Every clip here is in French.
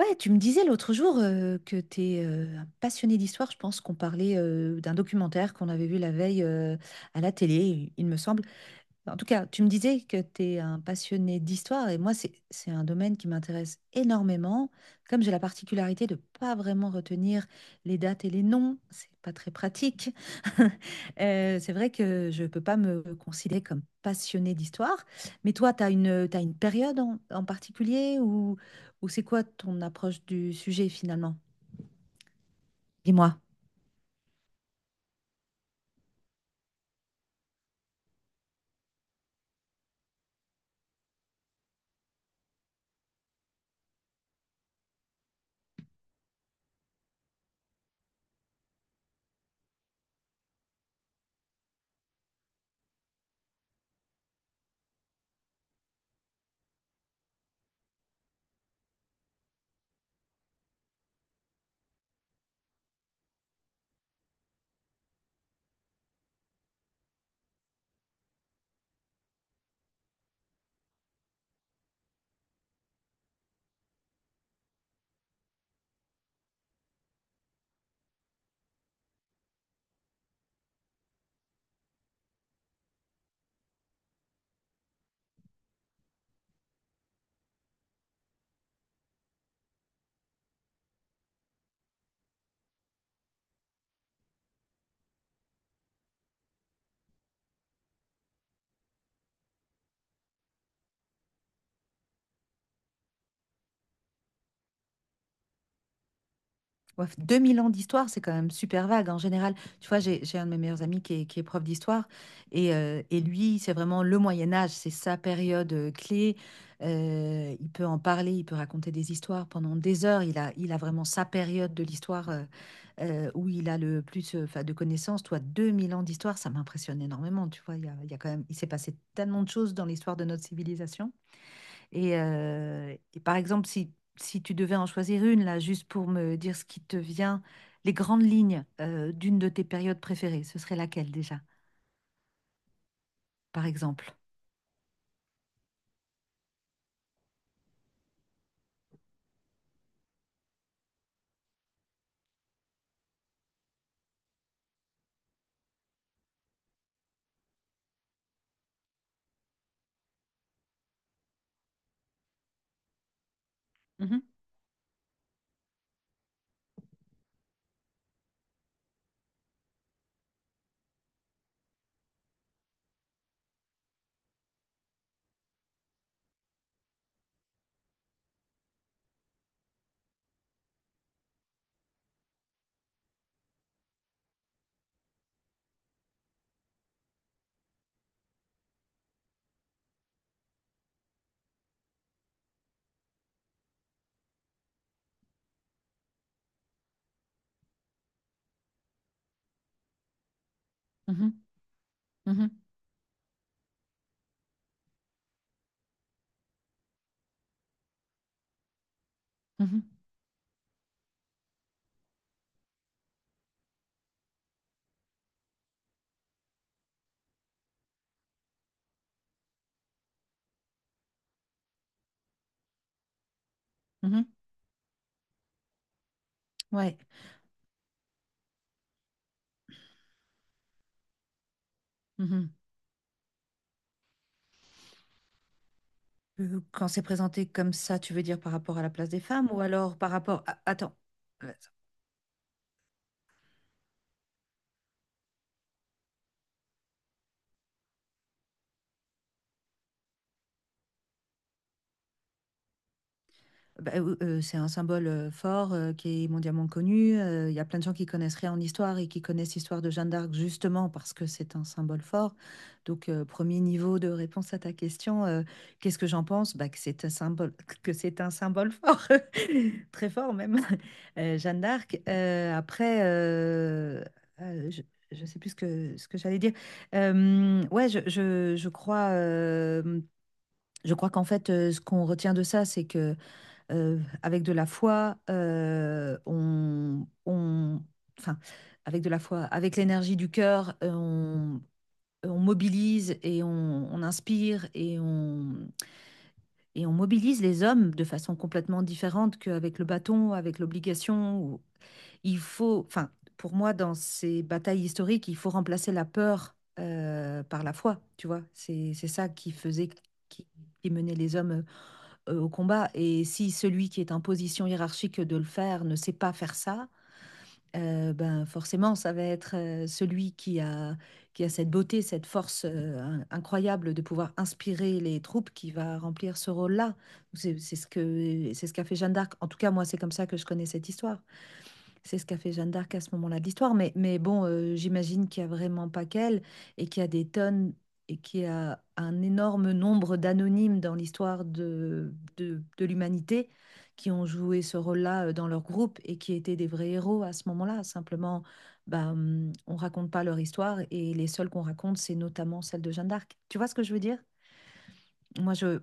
Ouais, tu me disais l'autre jour que tu es un passionné d'histoire. Je pense qu'on parlait d'un documentaire qu'on avait vu la veille à la télé, il me semble. En tout cas, tu me disais que tu es un passionné d'histoire et moi, c'est un domaine qui m'intéresse énormément. Comme j'ai la particularité de pas vraiment retenir les dates et les noms, c'est pas très pratique. C'est vrai que je peux pas me considérer comme passionné d'histoire. Mais toi, tu une période en particulier, ou c'est quoi ton approche du sujet finalement? Dis-moi. Ouais, 2000 ans d'histoire, c'est quand même super vague en général. Tu vois, j'ai un de mes meilleurs amis qui est prof d'histoire et lui, c'est vraiment le Moyen Âge, c'est sa période clé. Il peut en parler, il peut raconter des histoires pendant des heures. Il a vraiment sa période de l'histoire où il a le plus 'fin, de connaissances. Toi, 2000 ans d'histoire, ça m'impressionne énormément. Tu vois, il y a quand même, il s'est passé tellement de choses dans l'histoire de notre civilisation. Et par exemple, si tu devais en choisir une, là, juste pour me dire ce qui te vient, les grandes lignes d'une de tes périodes préférées, ce serait laquelle déjà, par exemple? Mhm. Mhm. Mhm. Mhm. Mhm. Ouais. Mhm. Quand c'est présenté comme ça, tu veux dire par rapport à la place des femmes ou alors par rapport. Ah, attends. euh, Bah, c'est un symbole fort qui est mondialement connu. Il y a plein de gens qui connaissent rien en histoire et qui connaissent l'histoire de Jeanne d'Arc justement parce que c'est un symbole fort. Donc, premier niveau de réponse à ta question, qu'est-ce que j'en pense? Bah, que c'est un symbole, que c'est un symbole fort, très fort même. Jeanne d'Arc. Après, je ne sais plus ce que j'allais dire. Ouais, je crois. Je crois qu'en fait, ce qu'on retient de ça, c'est que avec de la foi, enfin, avec de la foi, avec l'énergie du cœur, on mobilise et on inspire et et on mobilise les hommes de façon complètement différente qu'avec le bâton, avec l'obligation. Il faut, enfin, pour moi, dans ces batailles historiques, il faut remplacer la peur par la foi, tu vois. C'est ça qui, qui menait les hommes au combat. Et si celui qui est en position hiérarchique de le faire ne sait pas faire ça, ben, forcément ça va être, celui qui a cette beauté, cette force, incroyable de pouvoir inspirer les troupes qui va remplir ce rôle-là. C'est ce qu'a fait Jeanne d'Arc. En tout cas, moi, c'est comme ça que je connais cette histoire. C'est ce qu'a fait Jeanne d'Arc à ce moment-là de l'histoire, mais bon, j'imagine qu'il y a vraiment pas qu'elle et qu'il y a des tonnes et qu'il y a un énorme nombre d'anonymes dans l'histoire de l'humanité qui ont joué ce rôle-là dans leur groupe et qui étaient des vrais héros à ce moment-là. Simplement, bah, on raconte pas leur histoire et les seuls qu'on raconte, c'est notamment celle de Jeanne d'Arc. Tu vois ce que je veux dire? Moi, je.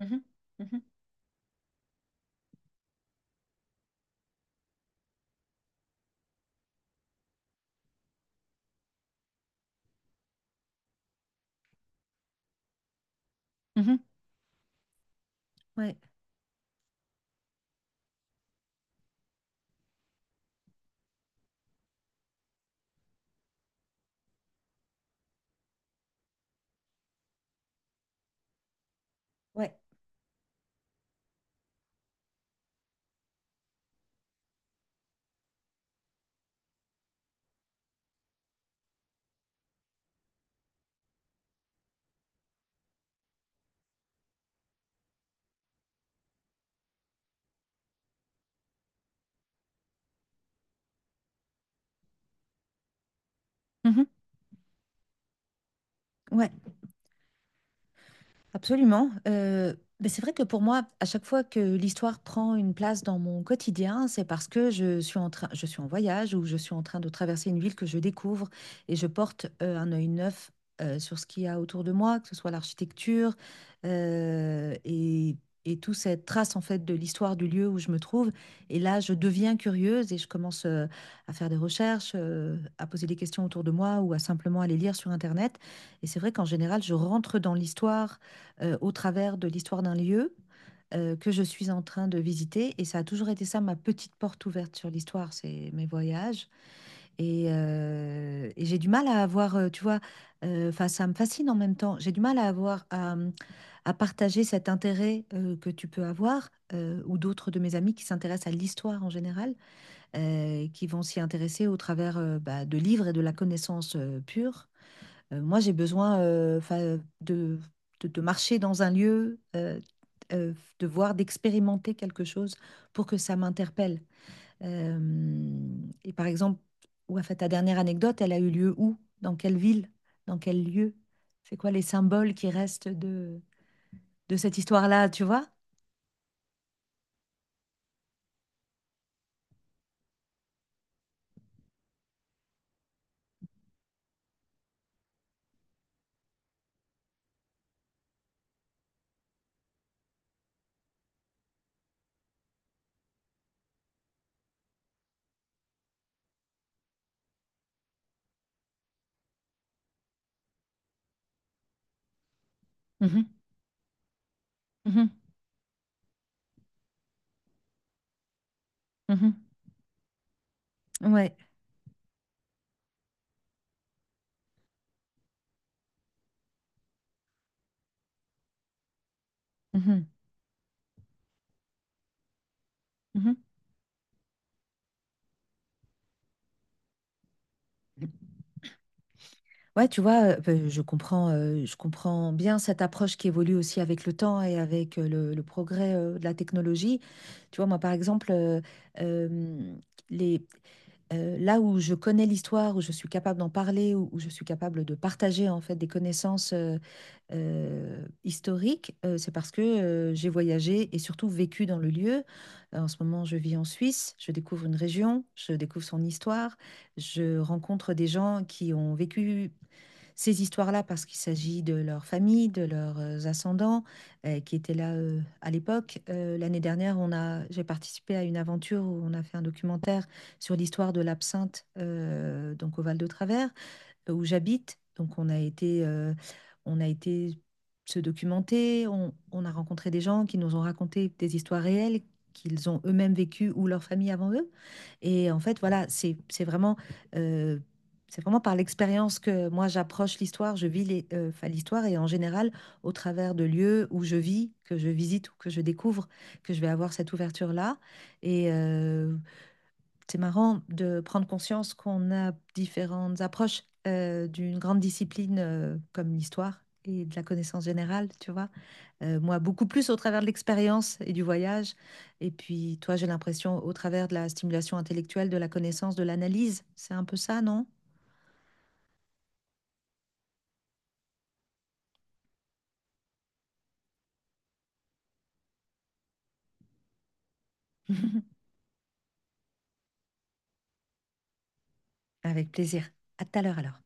Mhm. Mhm. Mhm. Ouais, ouais, mhm. Ouais. Absolument. Mais c'est vrai que pour moi, à chaque fois que l'histoire prend une place dans mon quotidien, c'est parce que je suis en voyage ou je suis en train de traverser une ville que je découvre et je porte un œil neuf sur ce qu'il y a autour de moi, que ce soit l'architecture euh, et, et toute cette trace en fait de l'histoire du lieu où je me trouve. Et là, je deviens curieuse et je commence à faire des recherches, à poser des questions autour de moi ou à simplement aller lire sur Internet. Et c'est vrai qu'en général, je rentre dans l'histoire au travers de l'histoire d'un lieu que je suis en train de visiter. Et ça a toujours été ça, ma petite porte ouverte sur l'histoire, c'est mes voyages. Et j'ai du mal à avoir, tu vois, enfin, ça me fascine en même temps. J'ai du mal à avoir à partager cet intérêt que tu peux avoir, ou d'autres de mes amis qui s'intéressent à l'histoire en général, qui vont s'y intéresser au travers bah, de livres et de la connaissance pure. Moi, j'ai besoin 'fin, de marcher dans un lieu, euh, de voir, d'expérimenter quelque chose pour que ça m'interpelle. Euh, et par exemple, ouais, 'fin, ta dernière anecdote, elle a eu lieu où? Dans quelle ville? Dans quel lieu? C'est quoi les symboles qui restent de cette histoire-là, tu vois? Mhm. Mhm. Mhm. Ouais. Mhm. Mhm. Ouais, tu vois, ben, je comprends bien cette approche qui évolue aussi avec le temps et avec le progrès de la technologie. Tu vois, moi, par exemple, euh, les, là où je connais l'histoire, où je suis capable d'en parler, où je suis capable de partager en fait des connaissances historiques, c'est parce que j'ai voyagé et surtout vécu dans le lieu. En ce moment, je vis en Suisse, je découvre une région, je découvre son histoire, je rencontre des gens qui ont vécu ces histoires-là parce qu'il s'agit de leur famille, de leurs ascendants qui étaient là à l'époque. L'année dernière, j'ai participé à une aventure où on a fait un documentaire sur l'histoire de l'absinthe donc au Val de Travers où j'habite. Donc on a été se documenter, on a rencontré des gens qui nous ont raconté des histoires réelles qu'ils ont eux-mêmes vécues ou leur famille avant eux. Et en fait, voilà, euh, c'est vraiment par l'expérience que moi j'approche l'histoire. Enfin, l'histoire et en général au travers de lieux où je vis, que je visite ou que je découvre, que je vais avoir cette ouverture-là. Et c'est marrant de prendre conscience qu'on a différentes approches d'une grande discipline comme l'histoire et de la connaissance générale, tu vois, moi, beaucoup plus au travers de l'expérience et du voyage. Et puis, toi, j'ai l'impression au travers de la stimulation intellectuelle, de la connaissance, de l'analyse. C'est un peu ça, non? Avec plaisir. À tout à l'heure alors.